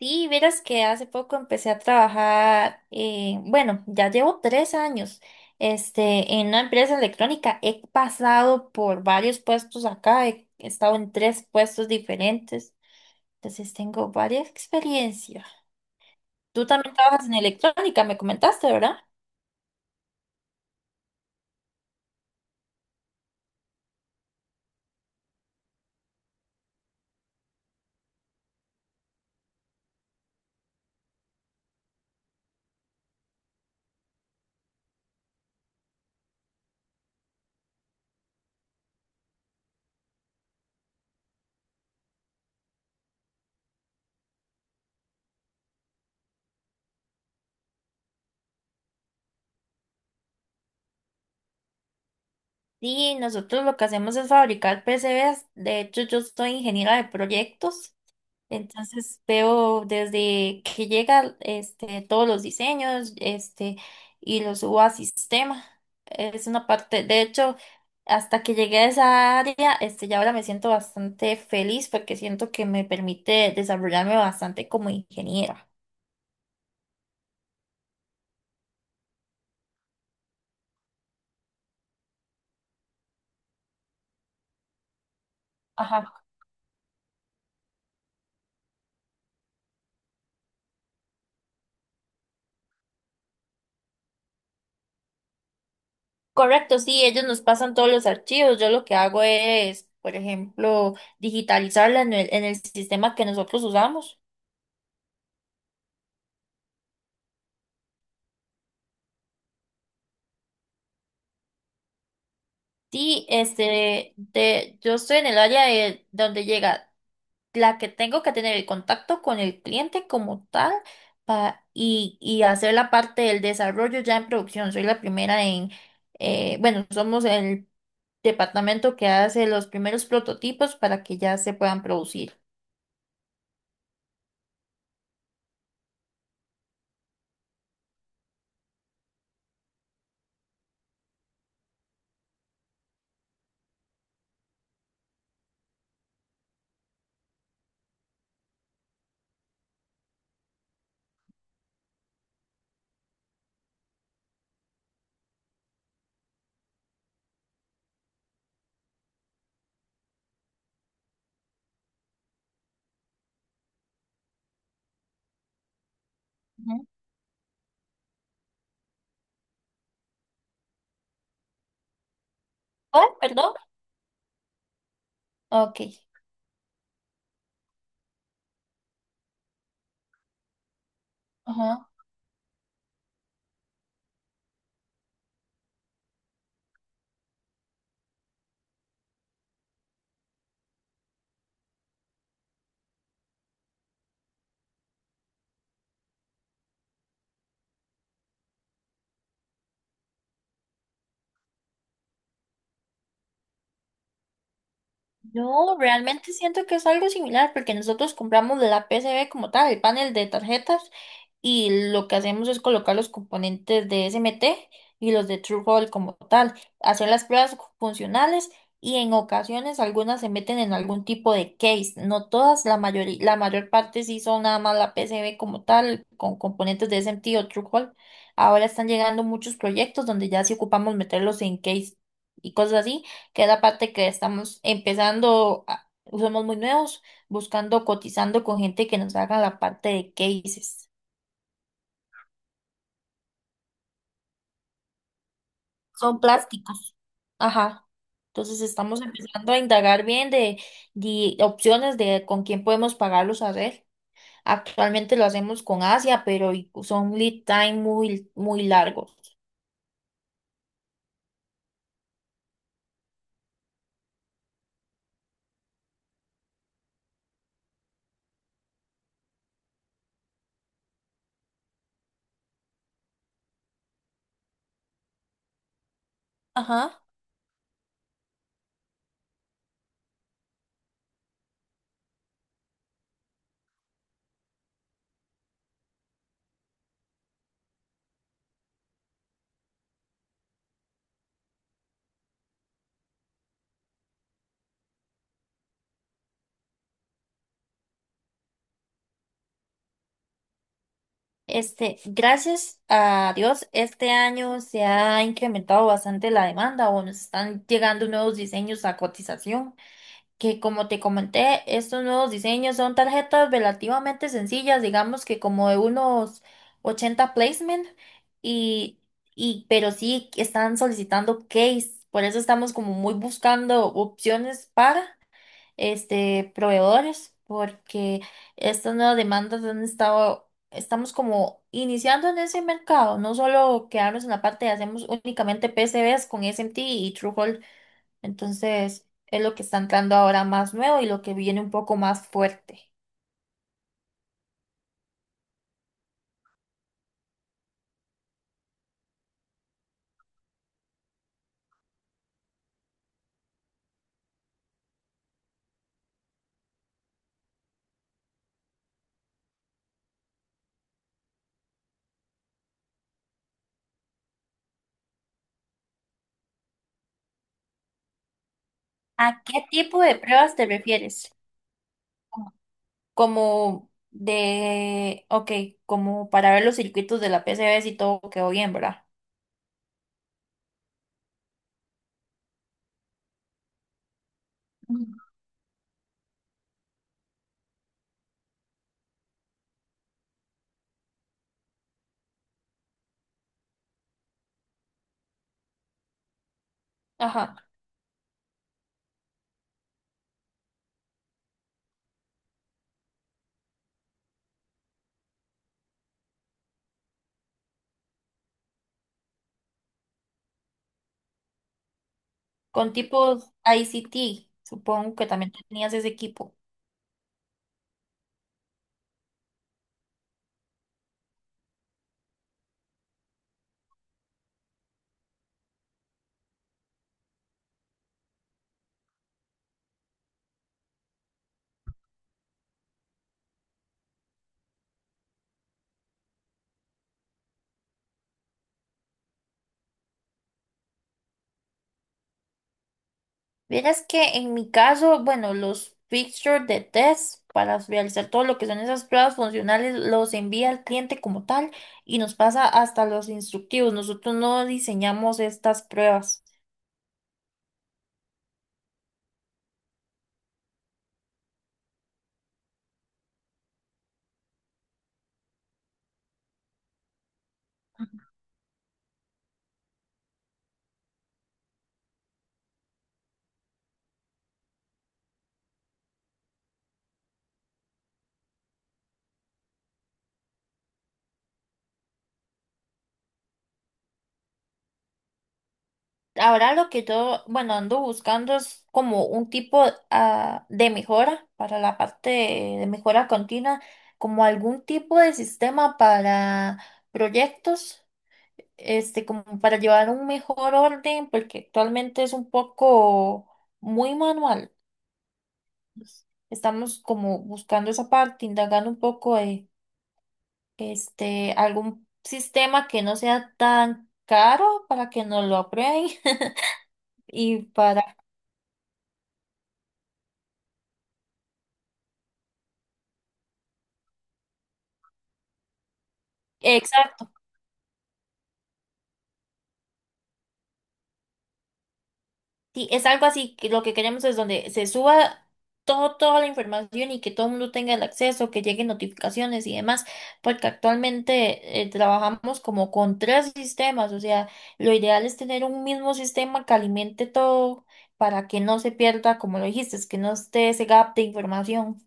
Sí, verás que hace poco empecé a trabajar, bueno, ya llevo tres años, en una empresa electrónica. He pasado por varios puestos acá, he estado en tres puestos diferentes, entonces tengo varias experiencias. Tú también trabajas en electrónica, me comentaste, ¿verdad? Sí, nosotros lo que hacemos es fabricar PCBs. De hecho, yo soy ingeniera de proyectos. Entonces veo desde que llega todos los diseños y los subo a sistema. Es una parte, de hecho, hasta que llegué a esa área, ya ahora me siento bastante feliz porque siento que me permite desarrollarme bastante como ingeniera. Ajá. Correcto, sí, ellos nos pasan todos los archivos. Yo lo que hago es, por ejemplo, digitalizarla en el sistema que nosotros usamos. Sí, yo estoy en el área de donde llega la que tengo que tener el contacto con el cliente como tal y hacer la parte del desarrollo ya en producción. Soy la primera en, bueno, somos el departamento que hace los primeros prototipos para que ya se puedan producir. Ujú. Oh, perdón. Ok. No, realmente siento que es algo similar porque nosotros compramos la PCB como tal, el panel de tarjetas, y lo que hacemos es colocar los componentes de SMT y los de TrueCall como tal, hacer las pruebas funcionales y en ocasiones algunas se meten en algún tipo de case, no todas, la mayoría, la mayor parte sí son nada más la PCB como tal, con componentes de SMT o TrueCall. Ahora están llegando muchos proyectos donde ya sí ocupamos meterlos en case y cosas así que es la parte que estamos empezando, somos muy nuevos, buscando, cotizando con gente que nos haga la parte de cases. Son plásticos. Ajá. Entonces estamos empezando a indagar bien de opciones de con quién podemos pagarlos a hacer. Actualmente lo hacemos con Asia, pero son lead time muy largos. Ajá. Gracias a Dios, este año se ha incrementado bastante la demanda o nos están llegando nuevos diseños a cotización, que como te comenté, estos nuevos diseños son tarjetas relativamente sencillas, digamos que como de unos 80 placement, y, pero sí que están solicitando case, por eso estamos como muy buscando opciones para proveedores, porque estas nuevas demandas han estado, estamos como iniciando en ese mercado, no solo quedarnos en la parte de hacemos únicamente PCBs con SMT y TrueHold, entonces, es lo que está entrando ahora más nuevo y lo que viene un poco más fuerte. ¿A qué tipo de pruebas te refieres? Como ok, como para ver los circuitos de la PCB si todo quedó bien, ¿verdad? Mm. Ajá. Con tipos ICT, supongo que también tenías ese equipo. Vieras que en mi caso, bueno, los fixtures de test para realizar todo lo que son esas pruebas funcionales los envía el cliente como tal y nos pasa hasta los instructivos. Nosotros no diseñamos estas pruebas. Ahora lo que yo, bueno, ando buscando es como un tipo de mejora para la parte de mejora continua, como algún tipo de sistema para proyectos como para llevar un mejor orden, porque actualmente es un poco muy manual. Pues, estamos como buscando esa parte, indagando un poco algún sistema que no sea tan caro para que nos lo aprueben y para... Exacto. Sí, es algo así que lo que queremos es donde se suba todo, toda la información y que todo el mundo tenga el acceso, que lleguen notificaciones y demás, porque actualmente trabajamos como con tres sistemas, o sea, lo ideal es tener un mismo sistema que alimente todo para que no se pierda, como lo dijiste, es que no esté ese gap de información.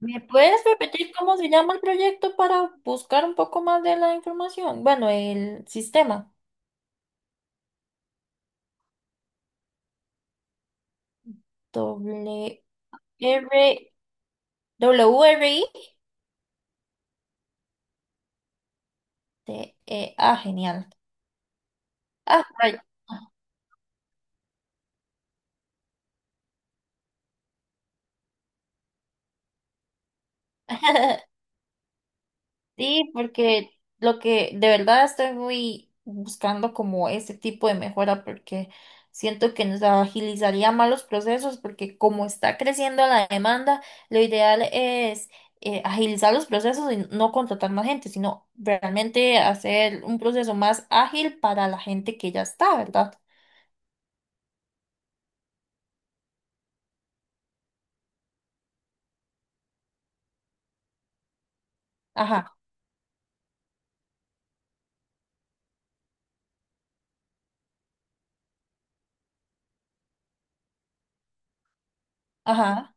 ¿Me puedes repetir cómo se llama el proyecto para buscar un poco más de la información? Bueno, el sistema. W R R I. Genial. Ah, pero- Sí, porque lo que de verdad estoy muy buscando como ese tipo de mejora porque siento que nos agilizaría más los procesos porque como está creciendo la demanda, lo ideal es agilizar los procesos y no contratar más gente, sino realmente hacer un proceso más ágil para la gente que ya está, ¿verdad? Ajá, ajá.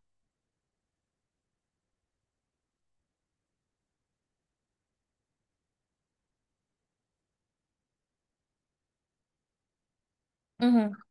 Ujú.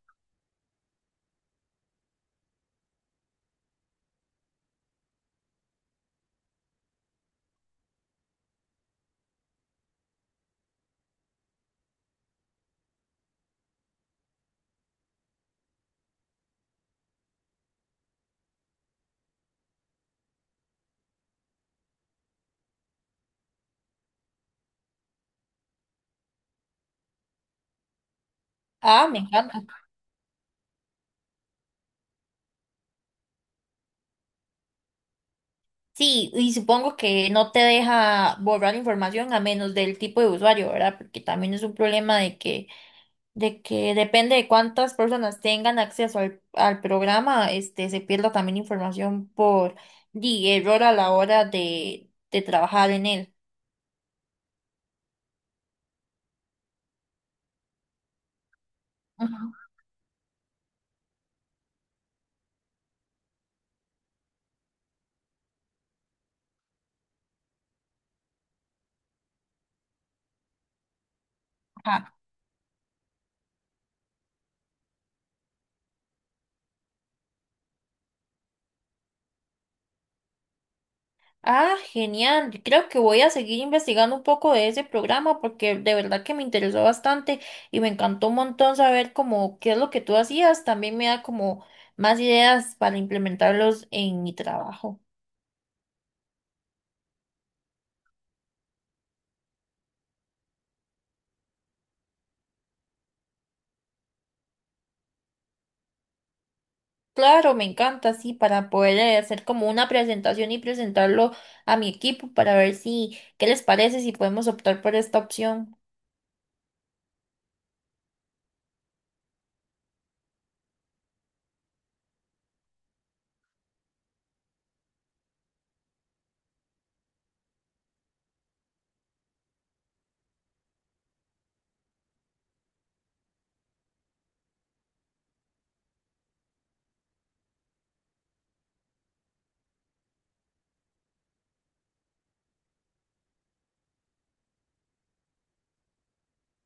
Ah, me encanta. Sí, y supongo que no te deja borrar información a menos del tipo de usuario, ¿verdad? Porque también es un problema de que depende de cuántas personas tengan acceso al programa, se pierda también información por di, error a la hora de trabajar en él. Ujú. Ajá. Ah, genial. Creo que voy a seguir investigando un poco de ese programa porque de verdad que me interesó bastante y me encantó un montón saber cómo qué es lo que tú hacías. También me da como más ideas para implementarlos en mi trabajo. Claro, me encanta, sí, para poder hacer como una presentación y presentarlo a mi equipo para ver si qué les parece, si podemos optar por esta opción.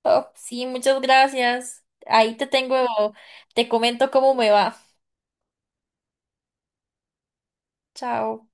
Oh, sí, muchas gracias. Ahí te tengo, te comento cómo me va. Chao.